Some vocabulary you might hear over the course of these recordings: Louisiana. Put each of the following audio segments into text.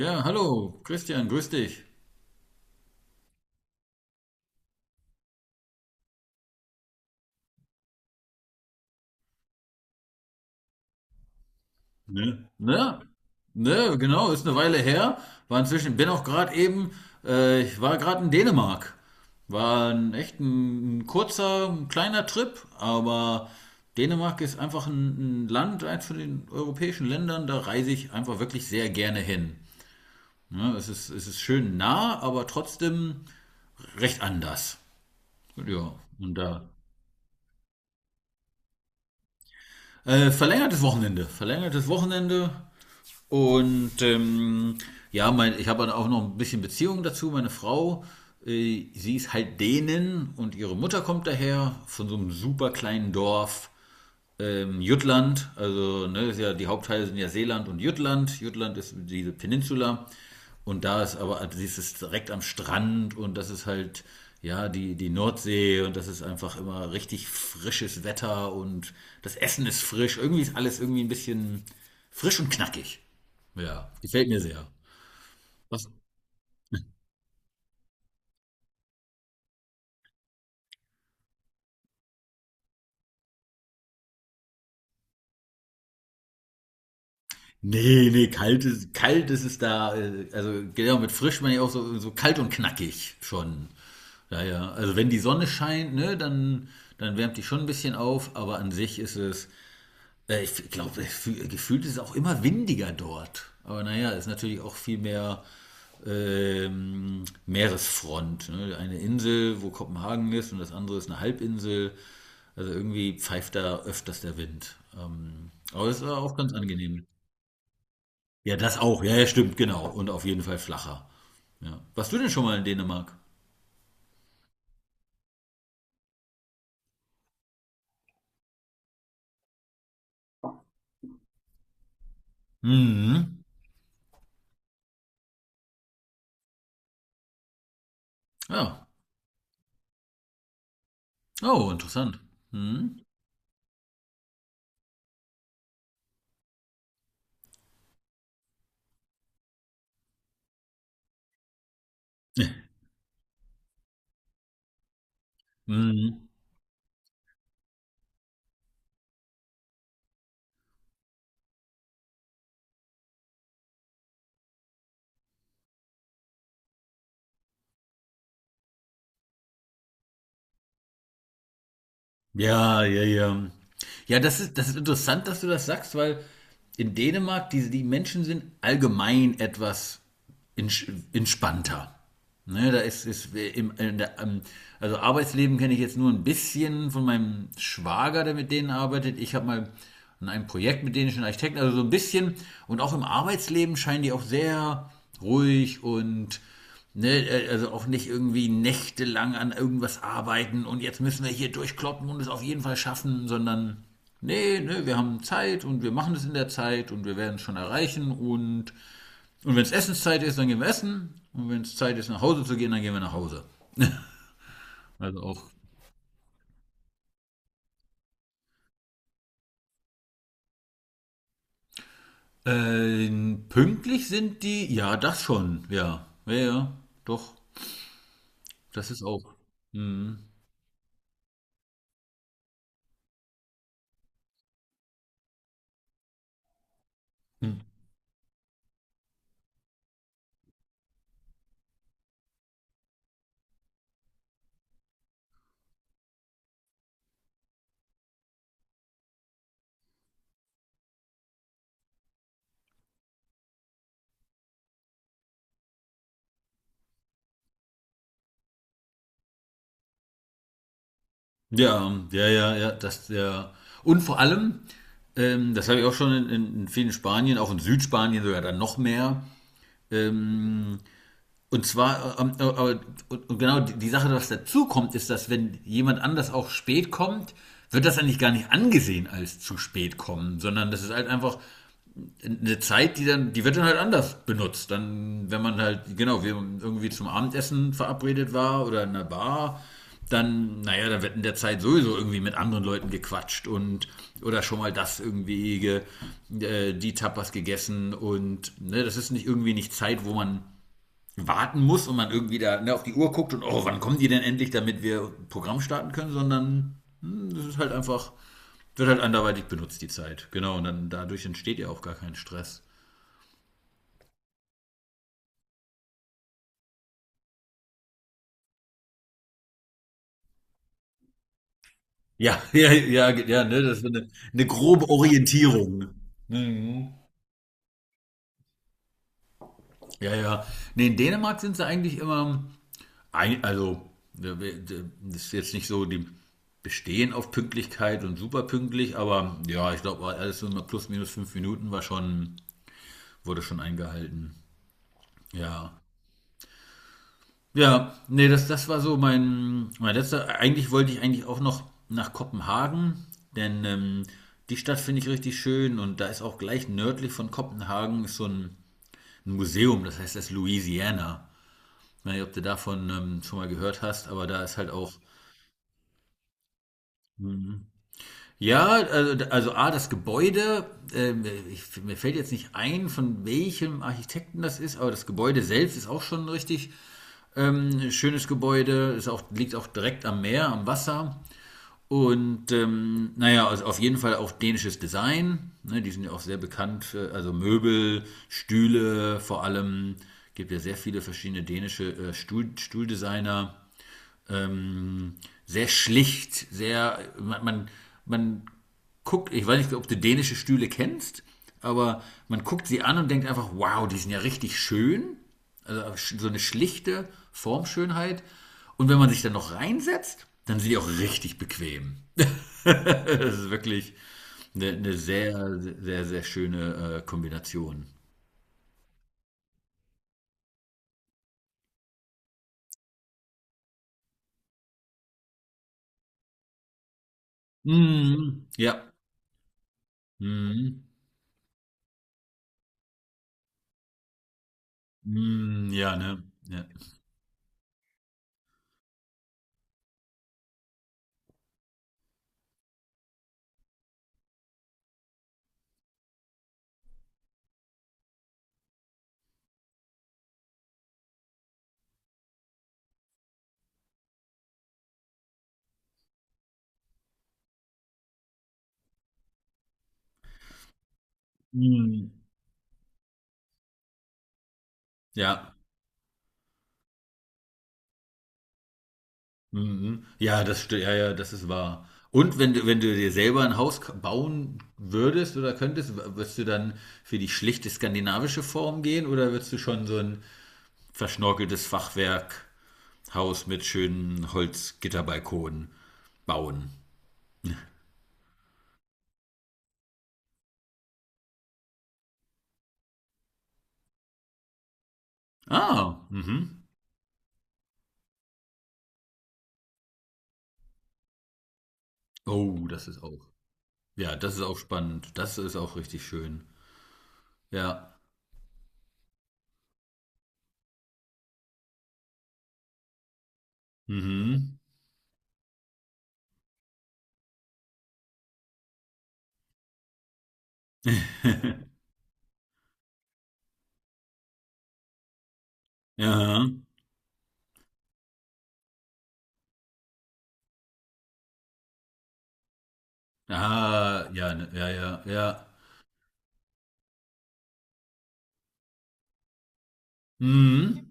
Ja, hallo, Christian, grüß dich. Ne? Ne? Ne, genau, ist eine Weile her. War inzwischen, bin auch gerade eben, ich war gerade in Dänemark. War ein echt ein kurzer, ein kleiner Trip, aber Dänemark ist einfach ein Land, eins von den europäischen Ländern, da reise ich einfach wirklich sehr gerne hin. Ne, es ist schön nah, aber trotzdem recht anders. Ja, und da. Verlängertes Wochenende. Verlängertes Wochenende. Und ja, mein, ich habe dann auch noch ein bisschen Beziehung dazu. Meine Frau, sie ist halt Dänen und ihre Mutter kommt daher von so einem super kleinen Dorf Jutland, also ne, ist ja, die Hauptteile sind ja Seeland und Jütland. Jütland ist diese Peninsula und da ist aber, also es ist direkt am Strand und das ist halt, ja, die Nordsee und das ist einfach immer richtig frisches Wetter und das Essen ist frisch. Irgendwie ist alles irgendwie ein bisschen frisch und knackig. Ja, gefällt mir sehr. Was, nee, nee, kalt ist es da, also genau mit frisch meine ich auch so, so kalt und knackig schon. Ja, ja. Also wenn die Sonne scheint, ne, dann, dann wärmt die schon ein bisschen auf, aber an sich ist es, ich glaube, gefühlt ist es auch immer windiger dort. Aber naja, ist natürlich auch viel mehr Meeresfront. Ne? Eine Insel, wo Kopenhagen ist, und das andere ist eine Halbinsel. Also irgendwie pfeift da öfters der Wind. Aber es war auch ganz angenehm. Ja, das auch. Ja, ja, stimmt, genau. Und auf jeden Fall flacher. Ja. Warst du denn schon mal in Dänemark? Mhm. Ja. Oh, interessant. Mhm. Mhm. Ja, ja, ja. Ja, das ist interessant, dass du das sagst, weil in Dänemark die Menschen sind allgemein etwas entspannter. Ne, ist im, in der, also Arbeitsleben kenne ich jetzt nur ein bisschen von meinem Schwager, der mit denen arbeitet. Ich habe mal an einem Projekt mit dänischen Architekten, also so ein bisschen. Und auch im Arbeitsleben scheinen die auch sehr ruhig und ne, also auch nicht irgendwie nächtelang an irgendwas arbeiten und jetzt müssen wir hier durchkloppen und es auf jeden Fall schaffen, sondern nee, nee, wir haben Zeit und wir machen es in der Zeit und wir werden es schon erreichen, und wenn es Essenszeit ist, dann gehen wir essen, und wenn es Zeit ist, nach Hause zu gehen, dann gehen wir nach Hause. Also auch äh, pünktlich sind die, ja, das schon, ja, ja, ja, doch, das ist auch. Mhm. Ja, ja, ja, ja, das, ja. Und vor allem, das habe ich auch schon in vielen Spanien, auch in Südspanien sogar dann noch mehr. Und zwar, aber, und genau die Sache, was dazu kommt, ist, dass wenn jemand anders auch spät kommt, wird das eigentlich gar nicht angesehen als zu spät kommen, sondern das ist halt einfach eine Zeit, die dann, die wird dann halt anders benutzt. Dann, wenn man halt, genau, wir irgendwie zum Abendessen verabredet war oder in einer Bar, dann, naja, dann wird in der Zeit sowieso irgendwie mit anderen Leuten gequatscht und oder schon mal das irgendwie ge, die Tapas gegessen und ne, das ist nicht irgendwie nicht Zeit, wo man warten muss und man irgendwie da ne, auf die Uhr guckt und oh, wann kommen die denn endlich, damit wir Programm starten können, sondern hm, das ist halt einfach, wird halt anderweitig benutzt, die Zeit. Genau, und dann dadurch entsteht ja auch gar kein Stress. Ja, ja, ja, ja, ne, das ist eine grobe Orientierung. Mhm. Ja, ja. Nee, in Dänemark sind sie eigentlich immer, ein, also, das ist jetzt nicht so, die bestehen auf Pünktlichkeit und super pünktlich, aber ja, ich glaube, alles so immer plus minus fünf Minuten war schon, wurde schon eingehalten. Ja. Ja, nee, das, das war so mein letzter. Eigentlich wollte ich eigentlich auch noch nach Kopenhagen, denn die Stadt finde ich richtig schön, und da ist auch gleich nördlich von Kopenhagen ist so ein Museum, das heißt das Louisiana. Ich weiß nicht, ob du davon schon mal gehört hast, aber da ist halt auch. Ja, also A, das Gebäude, ähm, ich, mir fällt jetzt nicht ein, von welchem Architekten das ist, aber das Gebäude selbst ist auch schon ein richtig schönes Gebäude, ist auch, liegt auch direkt am Meer, am Wasser. Und naja, also auf jeden Fall auch dänisches Design. Ne, die sind ja auch sehr bekannt für, also Möbel, Stühle, vor allem gibt ja sehr viele verschiedene dänische Stuhl, Stuhldesigner. Ähm, Sehr schlicht, sehr, man guckt, ich weiß nicht, ob du dänische Stühle kennst, aber man guckt sie an und denkt einfach, wow, die sind ja richtig schön. Also so eine schlichte Formschönheit. Und wenn man sich dann noch reinsetzt, dann sind die auch richtig bequem. Das ist wirklich eine sehr, sehr, sehr schöne Kombination. Mhm. Ja. Mhm. Mhm. Ja, ne? Ja. Mhm. Ja. Mhm. Ja, das sti-, ja, ja, das ist wahr. Und wenn du, wenn du dir selber ein Haus k- bauen würdest oder könntest, w- würdest du dann für die schlichte skandinavische Form gehen oder würdest du schon so ein verschnorkeltes Fachwerkhaus mit schönen Holzgitterbalkonen bauen? Ah, mhm. Oh, das ist auch. Ja, das ist auch spannend. Das ist auch richtig schön. Ja. Mhm. Ja. Ah, ja, ne, ja, ja, ja. Mhm.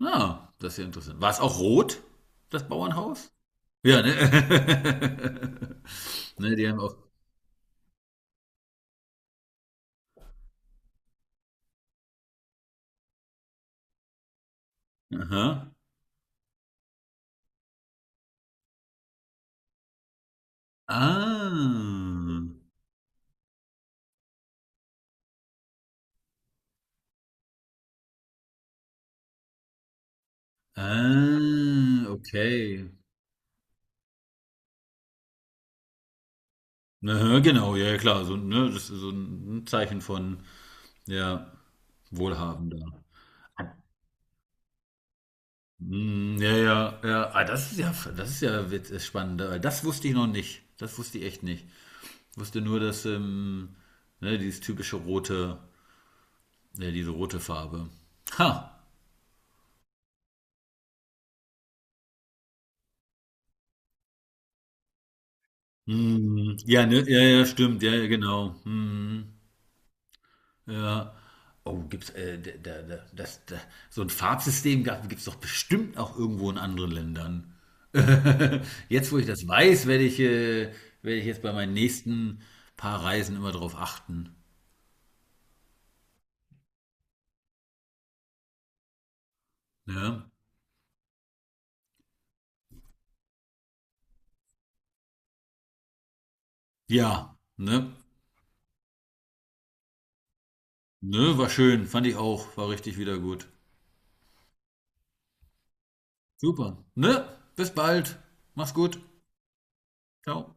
Ah, das ist ja interessant. War es auch rot, das Bauernhaus? Ja, ne? Ne, die haben auch. Aha. Ah. Ah, okay. Aha, genau, ja, ja, klar. So, ne, das ist so ein Zeichen von, ja, wohlhabender. Hm, ja, ja, ja. Ah, das ist ja wit-, spannend. Das wusste ich noch nicht. Das wusste ich echt nicht. Ich wusste nur, dass ne, dieses typische rote, ja, diese rote Farbe. Ha. Hm, ja, ne, ja, ja, stimmt. Ja, ja, genau. Hm, ja. Oh, gibt's da, da, da, das, da, so ein Farbsystem gab, gibt's doch bestimmt auch irgendwo in anderen Ländern. Jetzt, wo ich das weiß, werde ich jetzt bei meinen nächsten paar Reisen immer drauf achten. Ja. Ja, ne? Ne, war schön, fand ich auch, war richtig wieder gut. Super. Ne? Bis bald. Mach's gut. Ciao.